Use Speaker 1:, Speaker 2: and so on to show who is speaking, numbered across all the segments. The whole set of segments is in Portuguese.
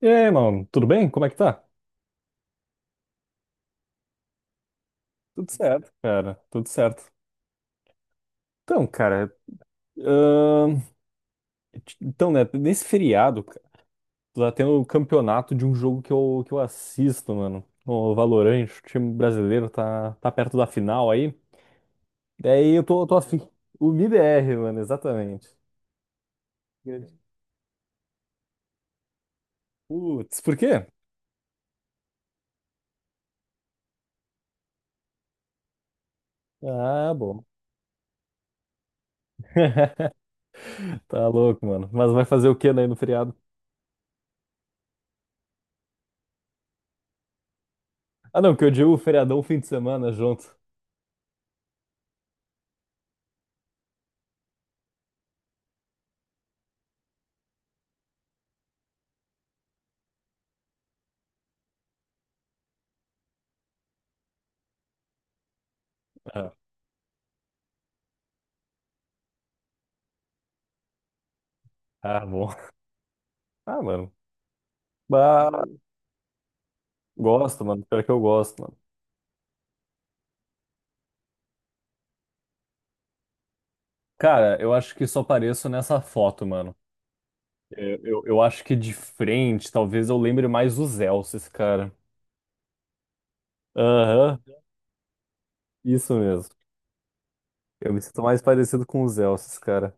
Speaker 1: E aí, mano, tudo bem? Como é que tá? Tudo certo, cara, tudo certo. Então, cara, ahn, então, né, nesse feriado, cara, tá tendo o campeonato de um jogo que eu assisto, mano. O Valorant, o time brasileiro tá perto da final aí. Daí eu tô afim. O MIBR, mano, exatamente. Grande. Putz, por quê? Ah, bom. Tá louco, mano. Mas vai fazer o quê daí no feriado? Ah, não, que eu digo feriadão, fim de semana junto. Ah, ah, bom. Ah, mano. Gosto, mano. Pior que eu gosto, mano. Cara, eu acho que só apareço nessa foto, mano. É, eu acho que de frente, talvez eu lembre mais dos Elces, cara. Aham, isso mesmo. Eu me sinto mais parecido com os Elces, cara.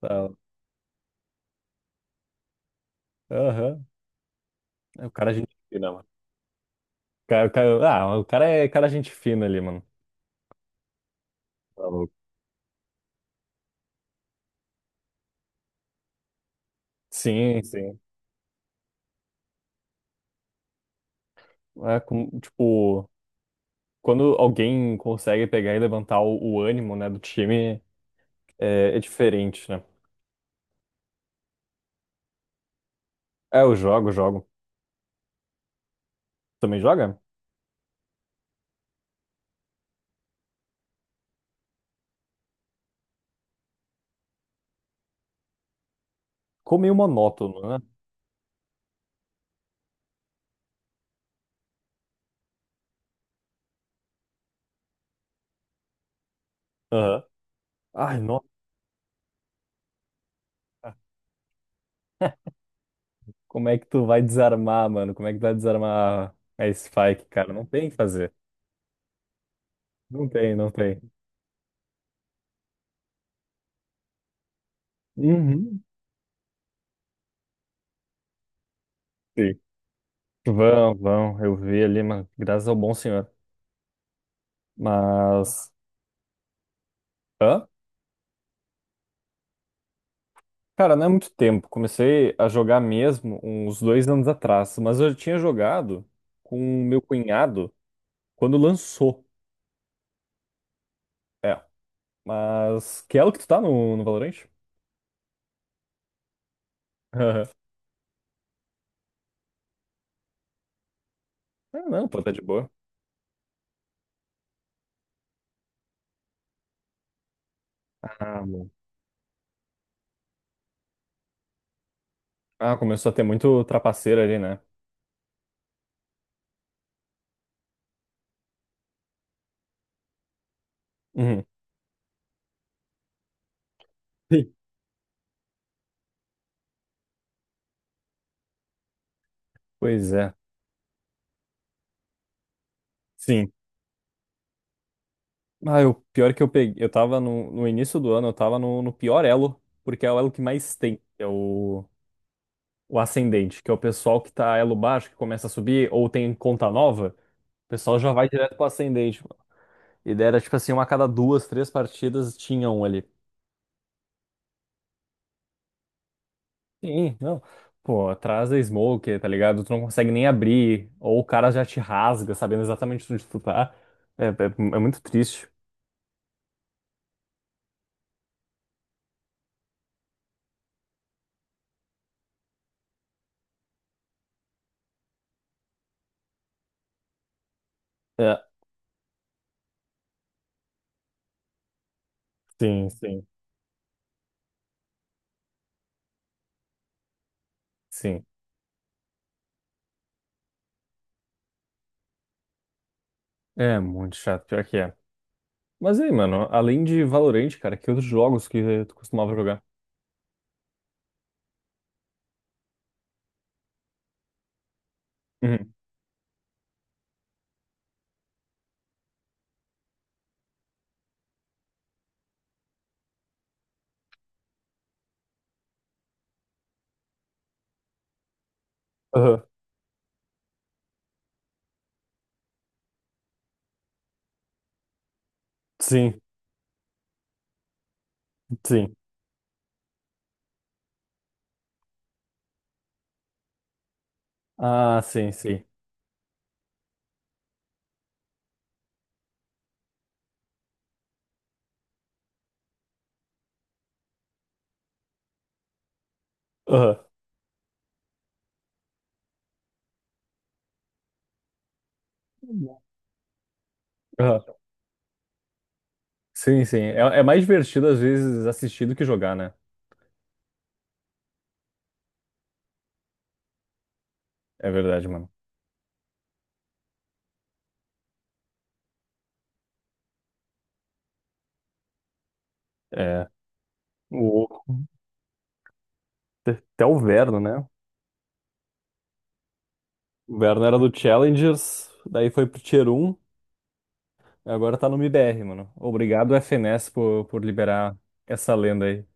Speaker 1: Tá. Aham. É, o cara é gente fina, mano. O cara- ah, o cara é gente fina ali, mano. Tá louco. Sim, sim. É, tipo, quando alguém consegue pegar e levantar o ânimo, né, do time, é diferente, né? É, eu jogo, jogo. Também joga? Ficou meio monótono, né? Aham. Ai, nossa. Como é que tu vai desarmar, mano? Como é que tu vai desarmar a Spike, cara? Não tem o que fazer. Não tem, não tem. Uhum. Sim. Vão, vão. Eu vi ali, mas graças ao bom senhor. Mas. Hã? Cara, não é muito tempo. Comecei a jogar mesmo uns 2 anos atrás. Mas eu tinha jogado com o meu cunhado quando lançou. É. Mas. Que é o que tu tá no Valorant? Ah, não, pô, tá de boa. Ah, bom. Ah, começou a ter muito trapaceiro ali, né? Uhum. Sim. Pois é. Sim. Ah, o pior é que eu peguei. Eu tava no início do ano, eu tava no pior elo, porque é o elo que mais tem, que é o ascendente, que é o pessoal que tá elo baixo, que começa a subir, ou tem conta nova, o pessoal já vai direto pro ascendente, mano. E daí era tipo assim, uma a cada duas, três partidas tinha um ali. Sim, não. Pô, atrás da smoke, tá ligado? Tu não consegue nem abrir, ou o cara já te rasga, sabendo exatamente onde tu tá. É, é, é muito triste. É, sim, sim, sim. É muito chato, pior que é. Mas aí, mano, além de Valorant, cara, que outros jogos que tu costumava jogar? Uhum. Aham. Sim, sim. Ah, sim, sim. Aham. Aham. Sim, sim. É mais divertido, às vezes, assistir do que jogar, né? É verdade, mano. É. O... Até o Verno, né? O Verno era do Challengers, daí foi pro Tier 1 agora tá no MIBR, mano. Obrigado, FNES, por liberar essa lenda aí.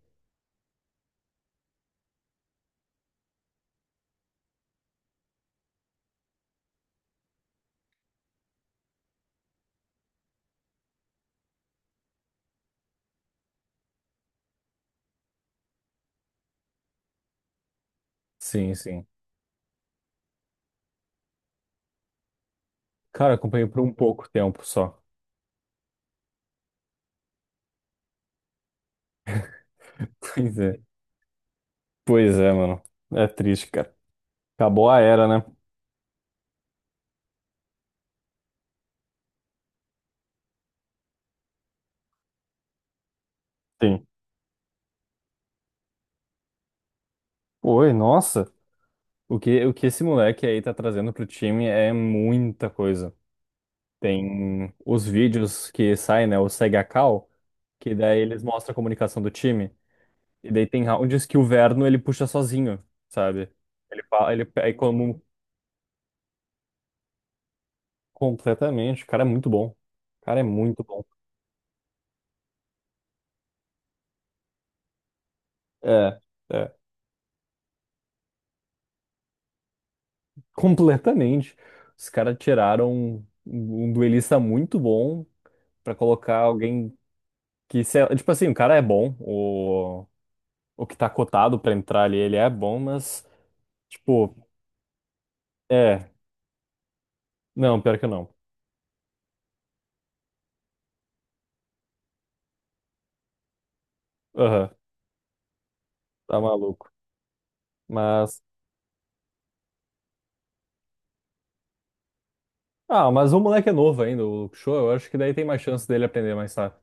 Speaker 1: Sim, sim. Cara, acompanhei por um pouco tempo só. Pois é. Pois é, mano. É triste, cara. Acabou a era, né? Sim. Oi, nossa. O que esse moleque aí tá trazendo pro time é muita coisa. Tem os vídeos que saem, né? O Segue a Cal, que daí eles mostram a comunicação do time. E daí tem rounds que o Verno ele puxa sozinho, sabe? Ele fala, ele pega como completamente. O cara é muito bom. O cara é muito bom. É, é. Completamente. Os caras tiraram um duelista muito bom pra colocar alguém que, sei lá, tipo assim, o cara é bom, o que tá cotado pra entrar ali, ele é bom, mas, tipo, é. Não, pior que não. Aham, tá maluco. Mas, mas o moleque é novo ainda, o show, eu acho que daí tem mais chance dele aprender mais rápido.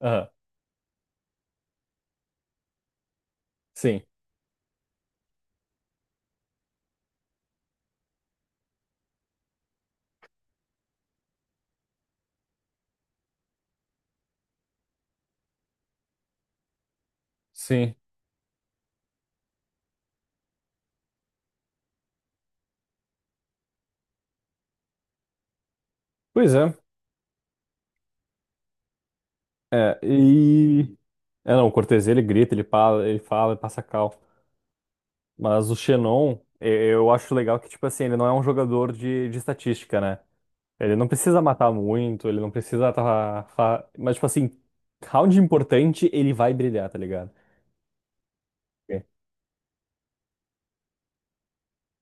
Speaker 1: Aham, sim, sim. Pois é. É, não, o Cortez ele grita, ele fala, ele fala, ele passa cal. Mas o Xenon, eu acho legal que, tipo assim, ele não é um jogador de estatística, né? Ele não precisa matar muito, ele não precisa tá, mas, tipo assim, round importante, ele vai brilhar, tá ligado? É.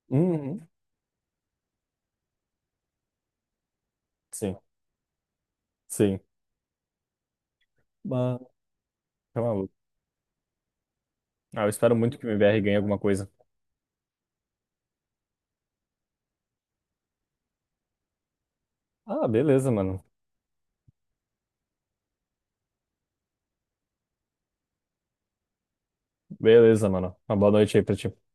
Speaker 1: Uhum. Sim, sim. Mas. Tá maluco. Ah, eu espero muito que o MBR ganhe alguma coisa. Ah, beleza, mano. Beleza, mano. Uma boa noite aí pra ti.